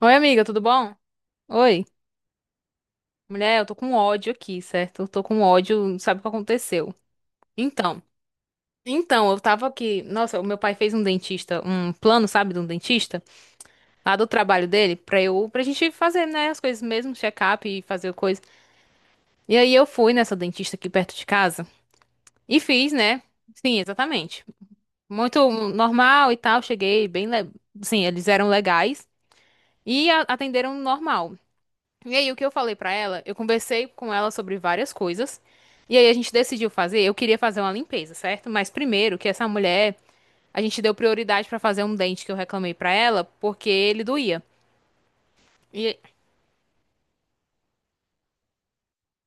Oi, amiga, tudo bom? Oi. Mulher, eu tô com ódio aqui, certo? Eu tô com ódio, não sabe o que aconteceu? Então, então, eu tava aqui. Nossa, o meu pai fez um dentista, um plano, sabe, de um dentista, lá do trabalho dele, pra eu, pra gente fazer, né, as coisas mesmo, check-up e fazer coisa. E aí eu fui nessa dentista aqui perto de casa e fiz, né? Sim, exatamente. Muito normal e tal, cheguei bem, sim, eles eram legais e atenderam normal. E aí, o que eu falei pra ela? Eu conversei com ela sobre várias coisas. E aí, a gente decidiu fazer. Eu queria fazer uma limpeza, certo? Mas primeiro, que essa mulher, a gente deu prioridade pra fazer um dente que eu reclamei pra ela, porque ele doía. E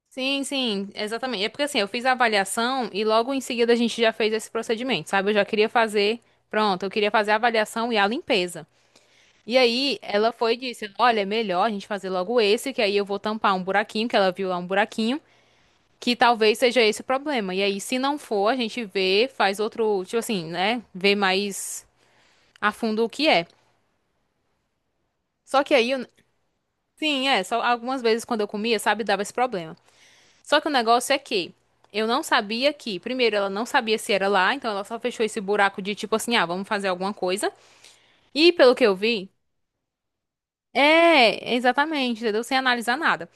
sim, sim, exatamente. É porque assim, eu fiz a avaliação e logo em seguida a gente já fez esse procedimento, sabe? Eu já queria fazer, pronto, eu queria fazer a avaliação e a limpeza. E aí, ela foi e disse: "Olha, é melhor a gente fazer logo esse, que aí eu vou tampar um buraquinho, que ela viu lá um buraquinho. Que talvez seja esse o problema. E aí, se não for, a gente vê, faz outro, tipo assim, né? Vê mais a fundo o que é. Só que aí, sim, é, só algumas vezes quando eu comia, sabe, dava esse problema. Só que o negócio é que eu não sabia que, primeiro, ela não sabia se era lá, então ela só fechou esse buraco de tipo assim, ah, vamos fazer alguma coisa. E pelo que eu vi, é, exatamente, entendeu? Sem analisar nada.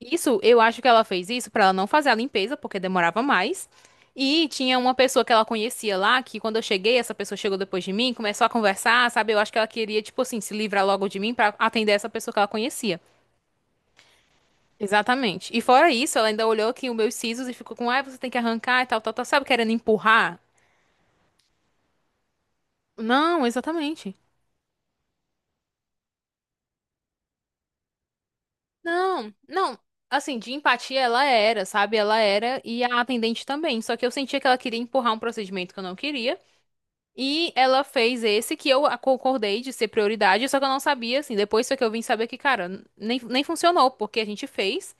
Isso, eu acho que ela fez isso pra ela não fazer a limpeza, porque demorava mais. E tinha uma pessoa que ela conhecia lá, que quando eu cheguei, essa pessoa chegou depois de mim, começou a conversar, sabe? Eu acho que ela queria, tipo assim, se livrar logo de mim pra atender essa pessoa que ela conhecia. Exatamente. E fora isso, ela ainda olhou aqui os meus sisos e ficou com, ai, você tem que arrancar e tal, tal, tal, sabe? Querendo empurrar. Não, exatamente. Não, não. Assim, de empatia ela era, sabe? Ela era e a atendente também. Só que eu sentia que ela queria empurrar um procedimento que eu não queria. E ela fez esse que eu concordei de ser prioridade, só que eu não sabia, assim. Depois foi que eu vim saber que, cara, nem funcionou, porque a gente fez.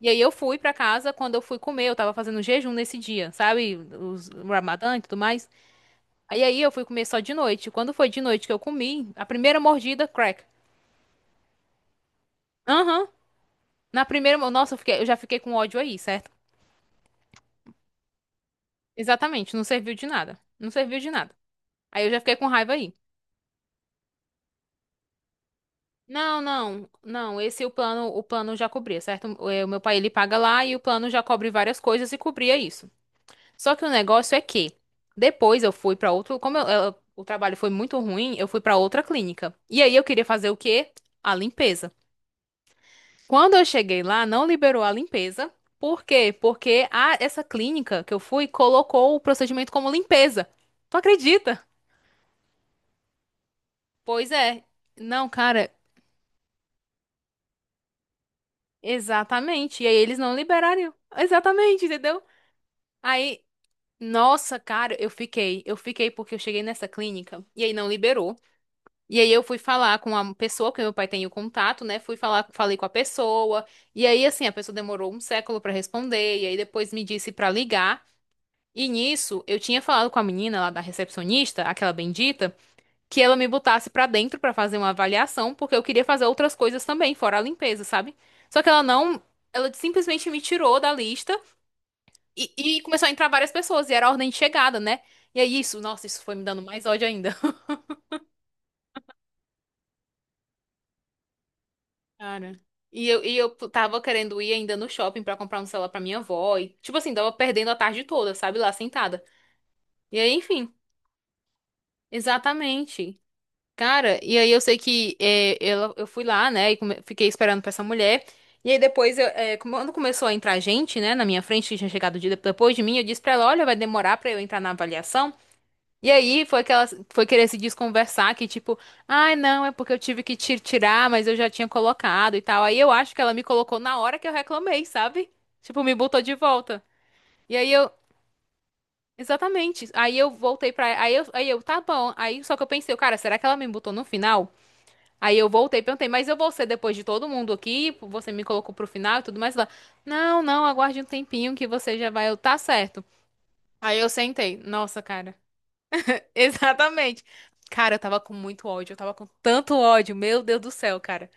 E aí eu fui pra casa, quando eu fui comer, eu tava fazendo jejum nesse dia, sabe? O Ramadã e tudo mais. Aí eu fui comer só de noite. Quando foi de noite que eu comi, a primeira mordida, crack. Aham. Na primeira, nossa, eu já fiquei com ódio aí, certo? Exatamente, não serviu de nada. Não serviu de nada. Aí eu já fiquei com raiva aí. Não, não, não. Esse o plano já cobria, certo? O meu pai ele paga lá e o plano já cobre várias coisas e cobria isso. Só que o negócio é que depois eu fui pra outro, como o trabalho foi muito ruim, eu fui pra outra clínica. E aí eu queria fazer o quê? A limpeza. Quando eu cheguei lá, não liberou a limpeza. Por quê? Porque essa clínica que eu fui colocou o procedimento como limpeza. Tu acredita? Pois é. Não, cara, exatamente. E aí eles não liberariam. Exatamente, entendeu? Aí, nossa, cara, eu fiquei. Eu fiquei porque eu cheguei nessa clínica e aí não liberou. E aí eu fui falar com a pessoa, que meu pai tem o contato, né? Falei com a pessoa. E aí, assim, a pessoa demorou um século pra responder. E aí depois me disse pra ligar. E nisso, eu tinha falado com a menina lá da recepcionista, aquela bendita, que ela me botasse pra dentro pra fazer uma avaliação, porque eu queria fazer outras coisas também, fora a limpeza, sabe? Só que ela não, ela simplesmente me tirou da lista. E, e começou a entrar várias pessoas, e era a ordem de chegada, né? E aí isso, nossa, isso foi me dando mais ódio ainda. Cara. E eu tava querendo ir ainda no shopping pra comprar um celular pra minha avó. E, tipo assim, tava perdendo a tarde toda, sabe? Lá sentada. E aí, enfim, exatamente. Cara, e aí eu sei que é, ela, eu fui lá, né? E fiquei esperando pra essa mulher. E aí depois, eu, é, quando começou a entrar gente, né? Na minha frente, que tinha chegado depois de mim, eu disse pra ela: Olha, vai demorar pra eu entrar na avaliação. E aí foi que ela foi querer se desconversar, que tipo, ai não, é porque eu tive que tirar, mas eu já tinha colocado e tal. Aí eu acho que ela me colocou na hora que eu reclamei, sabe? Tipo, me botou de volta. E aí eu, exatamente. Aí eu voltei pra. Aí eu, tá bom. Aí só que eu pensei, cara, será que ela me botou no final? Aí eu voltei, e perguntei, mas eu vou ser depois de todo mundo aqui? Você me colocou pro final e tudo mais lá. Não, não, aguarde um tempinho que você já vai. Eu, tá certo. Aí eu sentei. Nossa, cara. Exatamente. Cara, eu tava com muito ódio, eu tava com tanto ódio, meu Deus do céu, cara.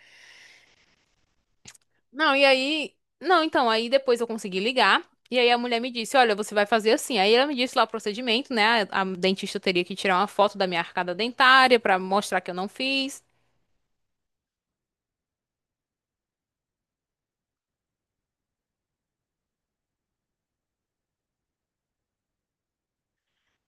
Não, e aí. Não, então, aí depois eu consegui ligar. E aí a mulher me disse: Olha, você vai fazer assim. Aí ela me disse lá o procedimento, né? A dentista teria que tirar uma foto da minha arcada dentária pra mostrar que eu não fiz.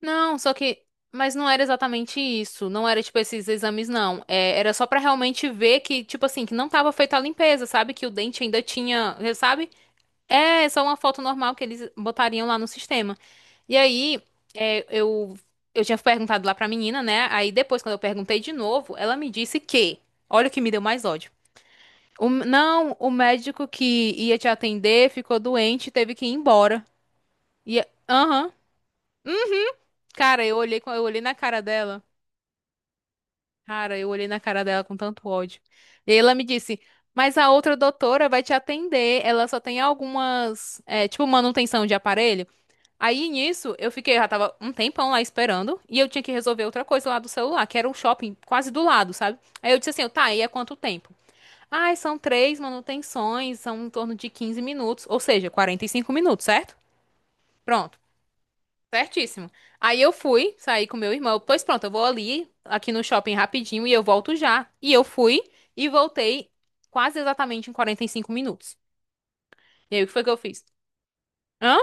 Não, só que. Mas não era exatamente isso. Não era, tipo, esses exames, não. É, era só pra realmente ver que, tipo assim, que não tava feita a limpeza, sabe? Que o dente ainda tinha, sabe? É só uma foto normal que eles botariam lá no sistema. E aí, eu, tinha perguntado lá pra menina, né? Aí depois, quando eu perguntei de novo, ela me disse que, olha o que me deu mais ódio. Não, o médico que ia te atender ficou doente, e teve que ir embora. E, aham. Hum, Cara, eu olhei na cara dela. Cara, eu olhei na cara dela com tanto ódio. E aí ela me disse, mas a outra doutora vai te atender. Ela só tem algumas, é, tipo, manutenção de aparelho. Aí nisso, eu fiquei, eu já tava um tempão lá esperando, e eu tinha que resolver outra coisa lá do celular, que era um shopping quase do lado, sabe? Aí eu disse assim, tá, e é quanto tempo? Ai, são três manutenções, são em torno de 15 minutos, ou seja, 45 minutos, certo? Pronto, certíssimo. Aí eu fui, saí com meu irmão, pois pronto, eu vou ali, aqui no shopping rapidinho, e eu volto já. E eu fui, e voltei quase exatamente em 45 minutos. E aí o que foi que eu fiz? Hã?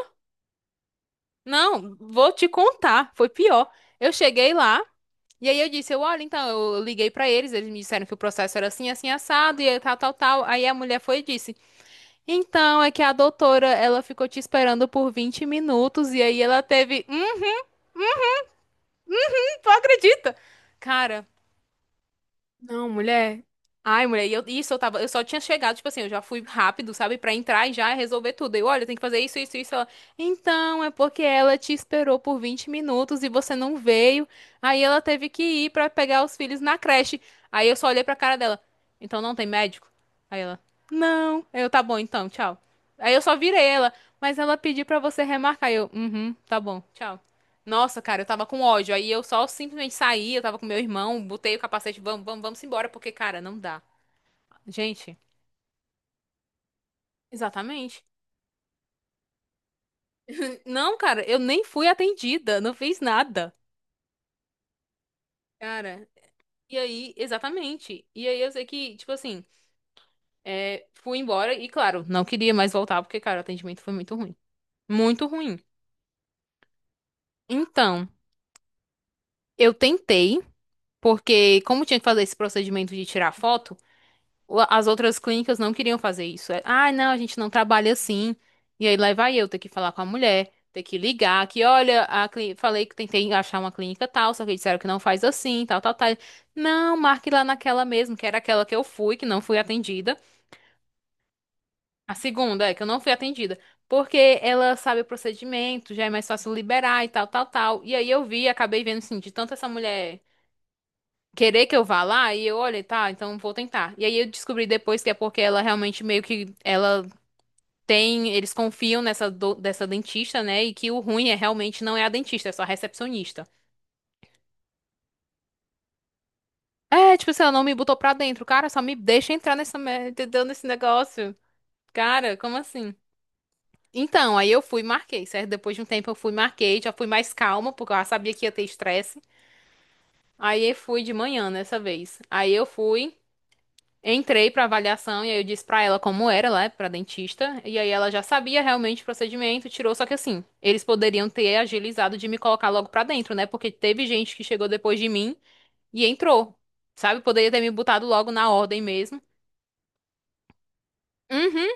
Não, vou te contar, foi pior. Eu cheguei lá. E aí eu disse, eu, olha, então, eu liguei pra eles, eles me disseram que o processo era assim, assim, assado, e aí tal, tal, tal. Aí a mulher foi e disse, então, é que a doutora, ela ficou te esperando por 20 minutos, e aí ela teve, tu acredita? Cara, não, mulher. Ai, mulher, e eu, isso eu tava, eu só tinha chegado, tipo assim, eu já fui rápido, sabe, pra entrar e já resolver tudo. Eu, olha, tem que fazer isso, isso, isso. Ela, então, é porque ela te esperou por 20 minutos e você não veio. Aí ela teve que ir pra pegar os filhos na creche. Aí eu só olhei pra cara dela. Então não tem médico? Aí ela, não. Aí eu, tá bom, então, tchau. Aí eu só virei ela, mas ela pediu pra você remarcar. Aí eu, uhum, tá bom, tchau. Nossa, cara, eu tava com ódio. Aí eu só simplesmente saí, eu tava com meu irmão, botei o capacete, vamos, vamos, vamos embora, porque, cara, não dá. Gente, exatamente. Não, cara, eu nem fui atendida, não fiz nada. Cara, e aí, exatamente. E aí eu sei que, tipo assim, é, fui embora e, claro, não queria mais voltar, porque, cara, o atendimento foi muito ruim. Muito ruim. Então, eu tentei, porque como tinha que fazer esse procedimento de tirar foto, as outras clínicas não queriam fazer isso. É, ah, não, a gente não trabalha assim. E aí lá vai eu ter que falar com a mulher, ter que ligar, que olha, falei que tentei achar uma clínica tal, só que disseram que não faz assim, tal, tal, tal. Não, marque lá naquela mesmo, que era aquela que eu fui, que não fui atendida. A segunda é que eu não fui atendida, porque ela sabe o procedimento, já é mais fácil liberar e tal, tal, tal. E aí eu vi, acabei vendo assim, de tanto essa mulher querer que eu vá lá e eu, olha, tá, então vou tentar. E aí eu descobri depois que é porque ela realmente meio que ela tem, eles confiam dessa dentista, né? E que o ruim é realmente, não é a dentista, é só a recepcionista. É, tipo assim, ela não me botou pra dentro, cara, só me deixa entrar nessa merda, entendeu? Nesse negócio. Cara, como assim? Então, aí eu fui e marquei, certo? Depois de um tempo eu fui e marquei, já fui mais calma, porque eu já sabia que ia ter estresse. Aí eu fui de manhã nessa vez. Aí eu fui. Entrei pra avaliação e aí eu disse pra ela como era lá, pra dentista, e aí ela já sabia realmente o procedimento, tirou, só que assim, eles poderiam ter agilizado de me colocar logo pra dentro, né? Porque teve gente que chegou depois de mim e entrou, sabe? Poderia ter me botado logo na ordem mesmo. Uhum.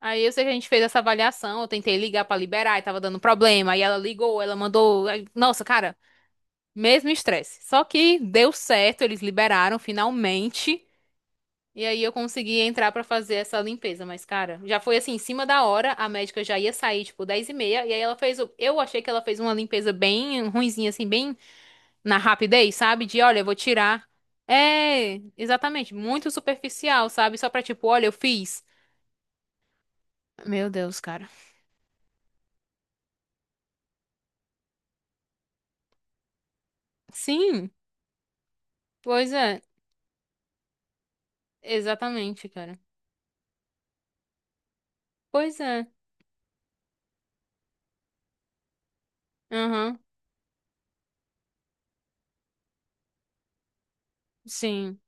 Aí eu sei que a gente fez essa avaliação, eu tentei ligar pra liberar e tava dando problema, aí ela ligou, ela mandou, aí- nossa, cara, mesmo estresse. Só que deu certo, eles liberaram finalmente. E aí eu consegui entrar pra fazer essa limpeza, mas cara, já foi assim, em cima da hora, a médica já ia sair, tipo, 10h30, e aí ela fez, o- eu achei que ela fez uma limpeza bem ruinzinha, assim, bem na rapidez, sabe? De, olha, eu vou tirar. É, exatamente, muito superficial, sabe? Só pra tipo, olha, eu fiz. Meu Deus, cara. Sim, pois é, exatamente, cara. Pois é, aham, sim.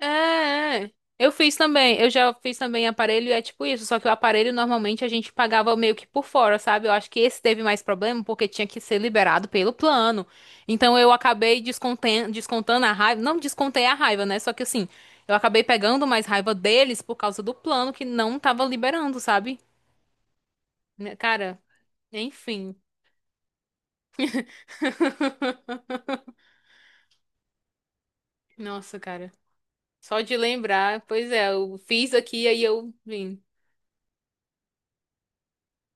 É, é. Eu fiz também. Eu já fiz também aparelho e é tipo isso. Só que o aparelho normalmente a gente pagava meio que por fora, sabe? Eu acho que esse teve mais problema porque tinha que ser liberado pelo plano. Então eu acabei descontando a raiva. Não descontei a raiva, né? Só que assim, eu acabei pegando mais raiva deles por causa do plano que não tava liberando, sabe? Né, cara, enfim. Nossa, cara. Só de lembrar, pois é, eu fiz aqui, aí eu vim.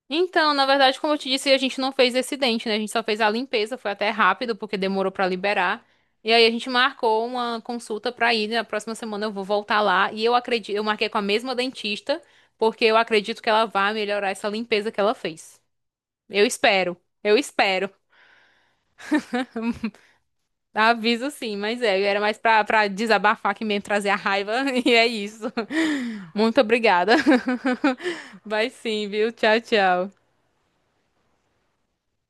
Então, na verdade, como eu te disse, a gente não fez esse dente, né? A gente só fez a limpeza, foi até rápido, porque demorou pra liberar. E aí a gente marcou uma consulta pra ir, né? Na próxima semana eu vou voltar lá e eu acredito, eu marquei com a mesma dentista, porque eu acredito que ela vai melhorar essa limpeza que ela fez. Eu espero. Eu espero. Aviso sim, mas é, era mais pra, pra desabafar que mesmo, trazer a raiva, e é isso. Muito obrigada. Vai sim, viu? Tchau, tchau.